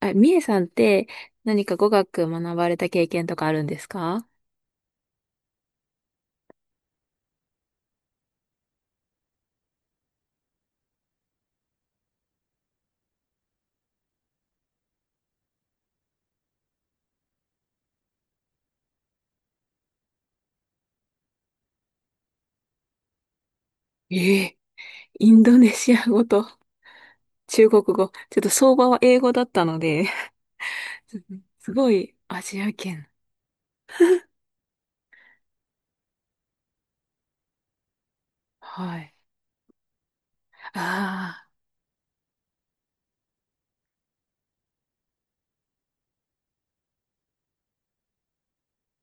あ、みえさんって何か語学学ばれた経験とかあるんですか？ええ、インドネシア語と 中国語。ちょっと相場は英語だったので すごいアジア圏。はい。ああ、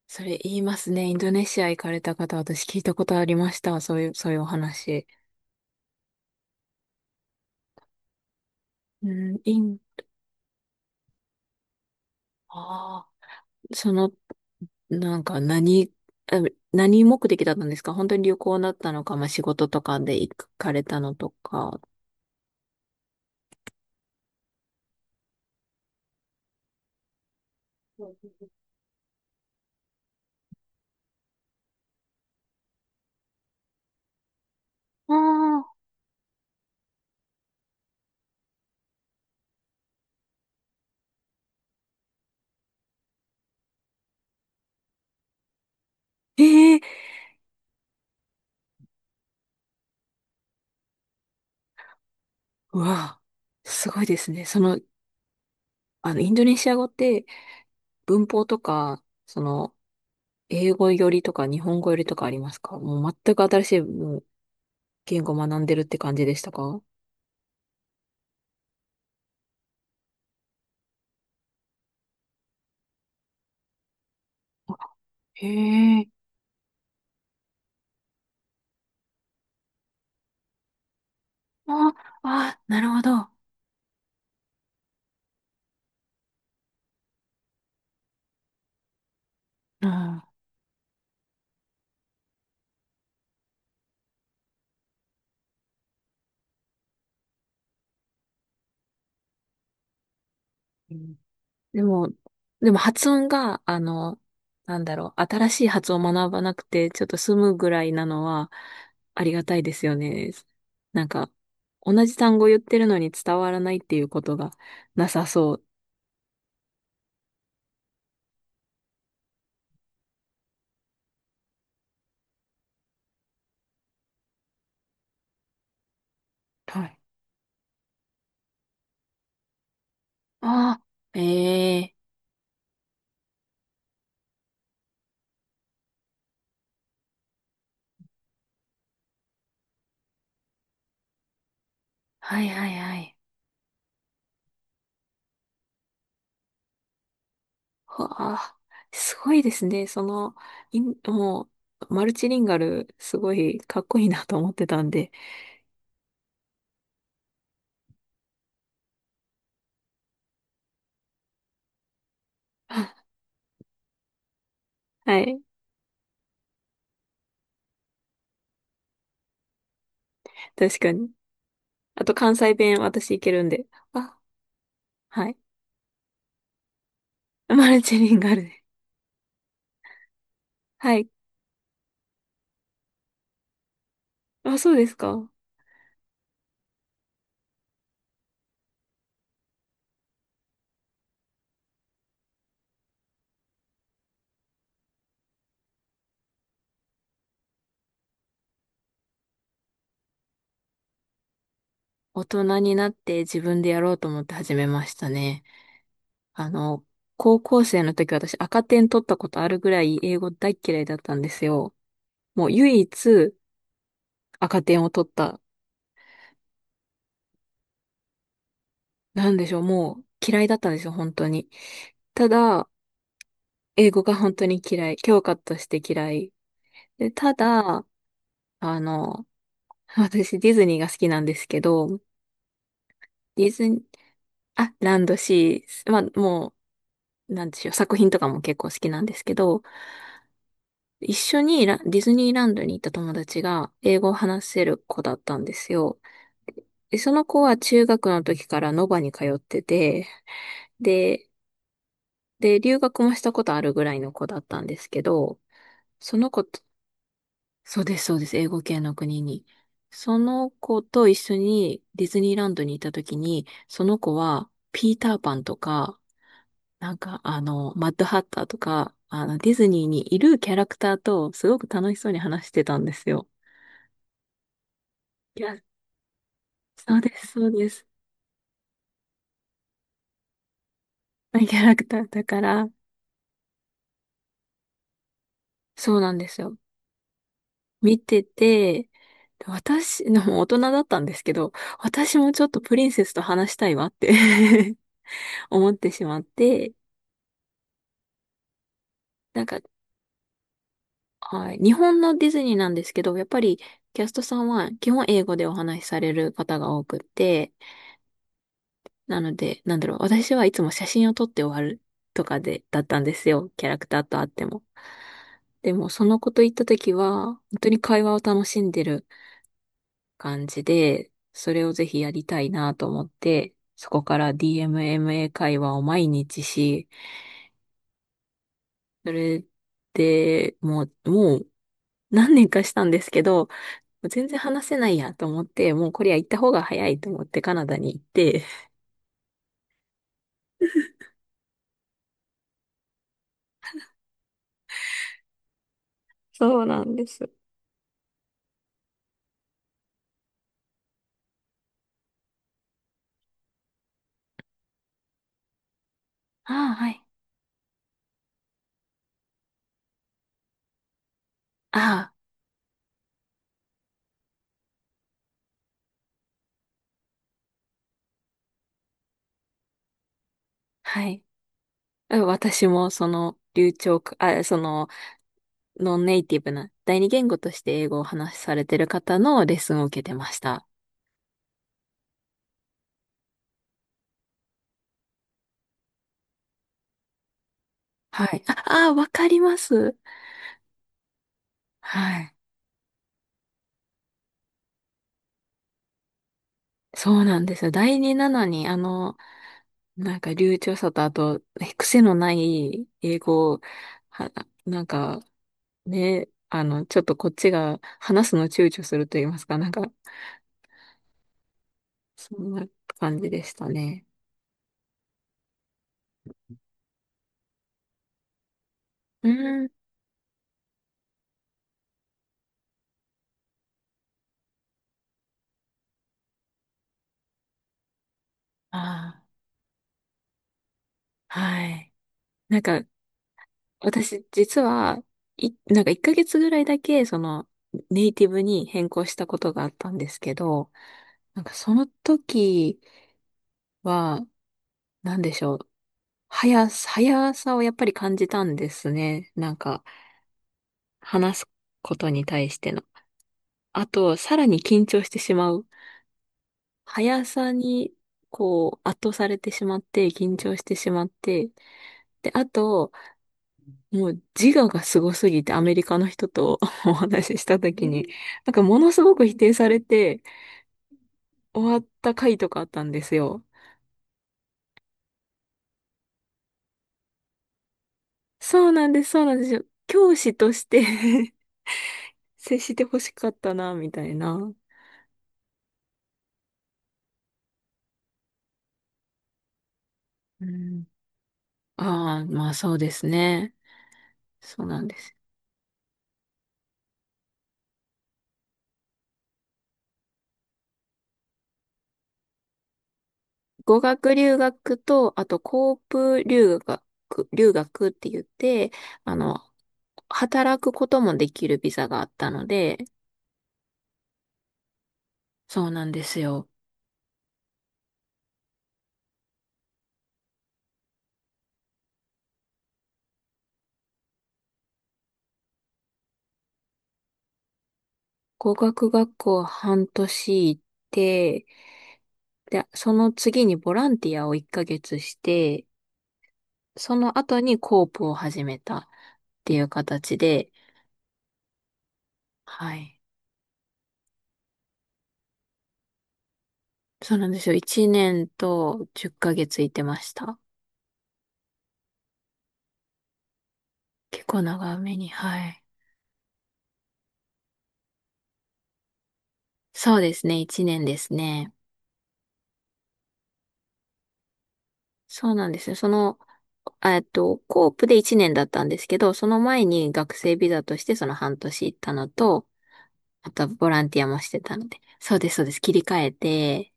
それ言いますね。インドネシア行かれた方、私聞いたことありました。そういうお話。うん、ああ、その、なんか何、あ何目的だったんですか？本当に旅行だったのか、まあ、仕事とかで行かれたのとか。ああ、ええ、うわあ、すごいですね。その、あの、インドネシア語って文法とか、その、英語よりとか日本語よりとかありますか？もう全く新しいもう言語を学んでるって感じでしたか？へえ、あ、あ、なるほど。うん。でも、でも発音が、あの、なんだろう、新しい発音を学ばなくて、ちょっと済むぐらいなのは、ありがたいですよね。なんか、同じ単語言ってるのに伝わらないっていうことがなさそう。はい。ああ、ええ、はいはいはい。わあ、すごいですね。その、もう、マルチリンガル、すごいかっこいいなと思ってたんで。はい、確かに。あと関西弁、私いけるんで。あ、はい。マルチリンガルで。はい。あ、そうですか。大人になって自分でやろうと思って始めましたね。あの、高校生の時私赤点取ったことあるぐらい英語大嫌いだったんですよ。もう唯一赤点を取った。なんでしょう、もう嫌いだったんですよ、本当に。ただ、英語が本当に嫌い。教科として嫌い。で、ただ、あの、私ディズニーが好きなんですけど、ディズニー、あ、ランドシー、まあ、もう、なんでしょう、作品とかも結構好きなんですけど、一緒にラディズニーランドに行った友達が英語を話せる子だったんですよ。で、その子は中学の時からノバに通ってて、で、で、留学もしたことあるぐらいの子だったんですけど、その子と、そうです、そうです、英語系の国に。その子と一緒にディズニーランドに行った時に、その子はピーターパンとか、なんか、あの、マッドハッターとか、あの、ディズニーにいるキャラクターと、すごく楽しそうに話してたんですよ。いや、そうです、そうです。キャラクターだから、そうなんですよ。見てて、私、でも大人だったんですけど、私もちょっとプリンセスと話したいわって 思ってしまって、なんか、はい、日本のディズニーなんですけど、やっぱりキャストさんは基本英語でお話しされる方が多くって、なので、なんだろう、私はいつも写真を撮って終わるとかで、だったんですよ。キャラクターと会っても。でも、その子と行った時は、本当に会話を楽しんでる感じで、それをぜひやりたいなと思って、そこから DMMA 会話を毎日し、それで、もう何年かしたんですけど、全然話せないやと思って、もうこれは行った方が早いと思ってカナダに行って。そうなんです。ああ、はい。ああ、はい。あ、私もその流暢か、あ、そのノンネイティブな第二言語として英語を話しされてる方のレッスンを受けてました。はい。あ、あ、わかります。はい。そうなんですよ。第二なのに、あの、なんか流暢さとあと、ね癖のない英語を、は、なんか、ね、あの、ちょっとこっちが話すの躊躇すると言いますか、なんか、そんな感じでしたね。うん。ああ、はい。なんか、私、実は、なんか1ヶ月ぐらいだけ、その、ネイティブに変更したことがあったんですけど、なんかその時は、なんでしょう。速さをやっぱり感じたんですね。なんか、話すことに対しての。あと、さらに緊張してしまう。速さに、こう、圧倒されてしまって、緊張してしまって。で、あと、もう自我がすごすぎてアメリカの人と お話しした時に、なんかものすごく否定されて終わった回とかあったんですよ。そうなんです、そうなんですよ。教師として 接してほしかったな、みたいな。うん。ああ、まあそうですね。そうなんです。語学留学と、あとコープ留学、留学って言って、あの、働くこともできるビザがあったので、そうなんですよ。語学学校半年行って、で、その次にボランティアを1ヶ月して、その後にコープを始めたっていう形で、はい。そうなんですよ。1年と10ヶ月行っかげついてました。結構長めに、はい。そうですね。1年ですね。そうなんですよ。その、コープで1年だったんですけど、その前に学生ビザとしてその半年行ったのと、あと、ボランティアもしてたので。そうです、そうです。切り替えて、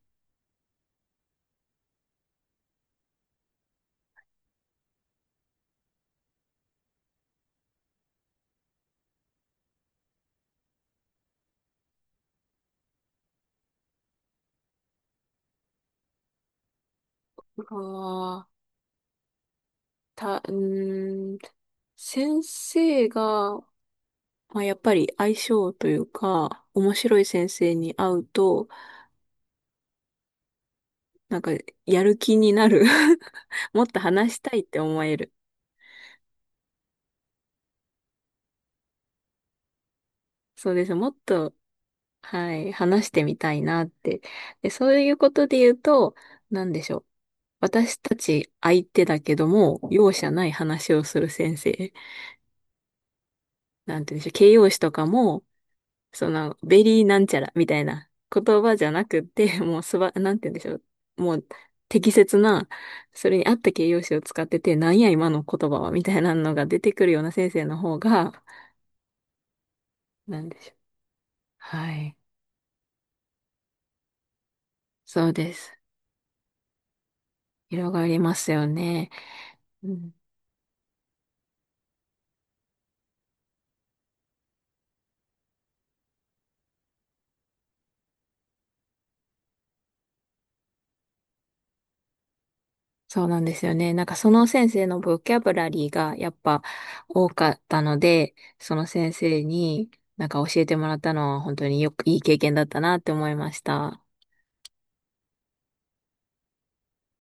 ああ、た、うーん、先生が、まあ、やっぱり相性というか、面白い先生に会うと、なんか、やる気になる もっと話したいって思える。そうです。もっと、はい、話してみたいなって。で、そういうことで言うと、なんでしょう。私たち相手だけども、容赦ない話をする先生。なんて言うんでしょう。形容詞とかも、その、ベリーなんちゃらみたいな言葉じゃなくって、もうすば、なんて言うんでしょう。もう適切な、それに合った形容詞を使ってて、なんや今の言葉は、みたいなのが出てくるような先生の方が、なんでしょう。はい。そうです。広がりますよね。うん。そうなんですよね。なんかその先生のボキャブラリーがやっぱ多かったので、その先生になんか教えてもらったのは本当によくいい経験だったなって思いました。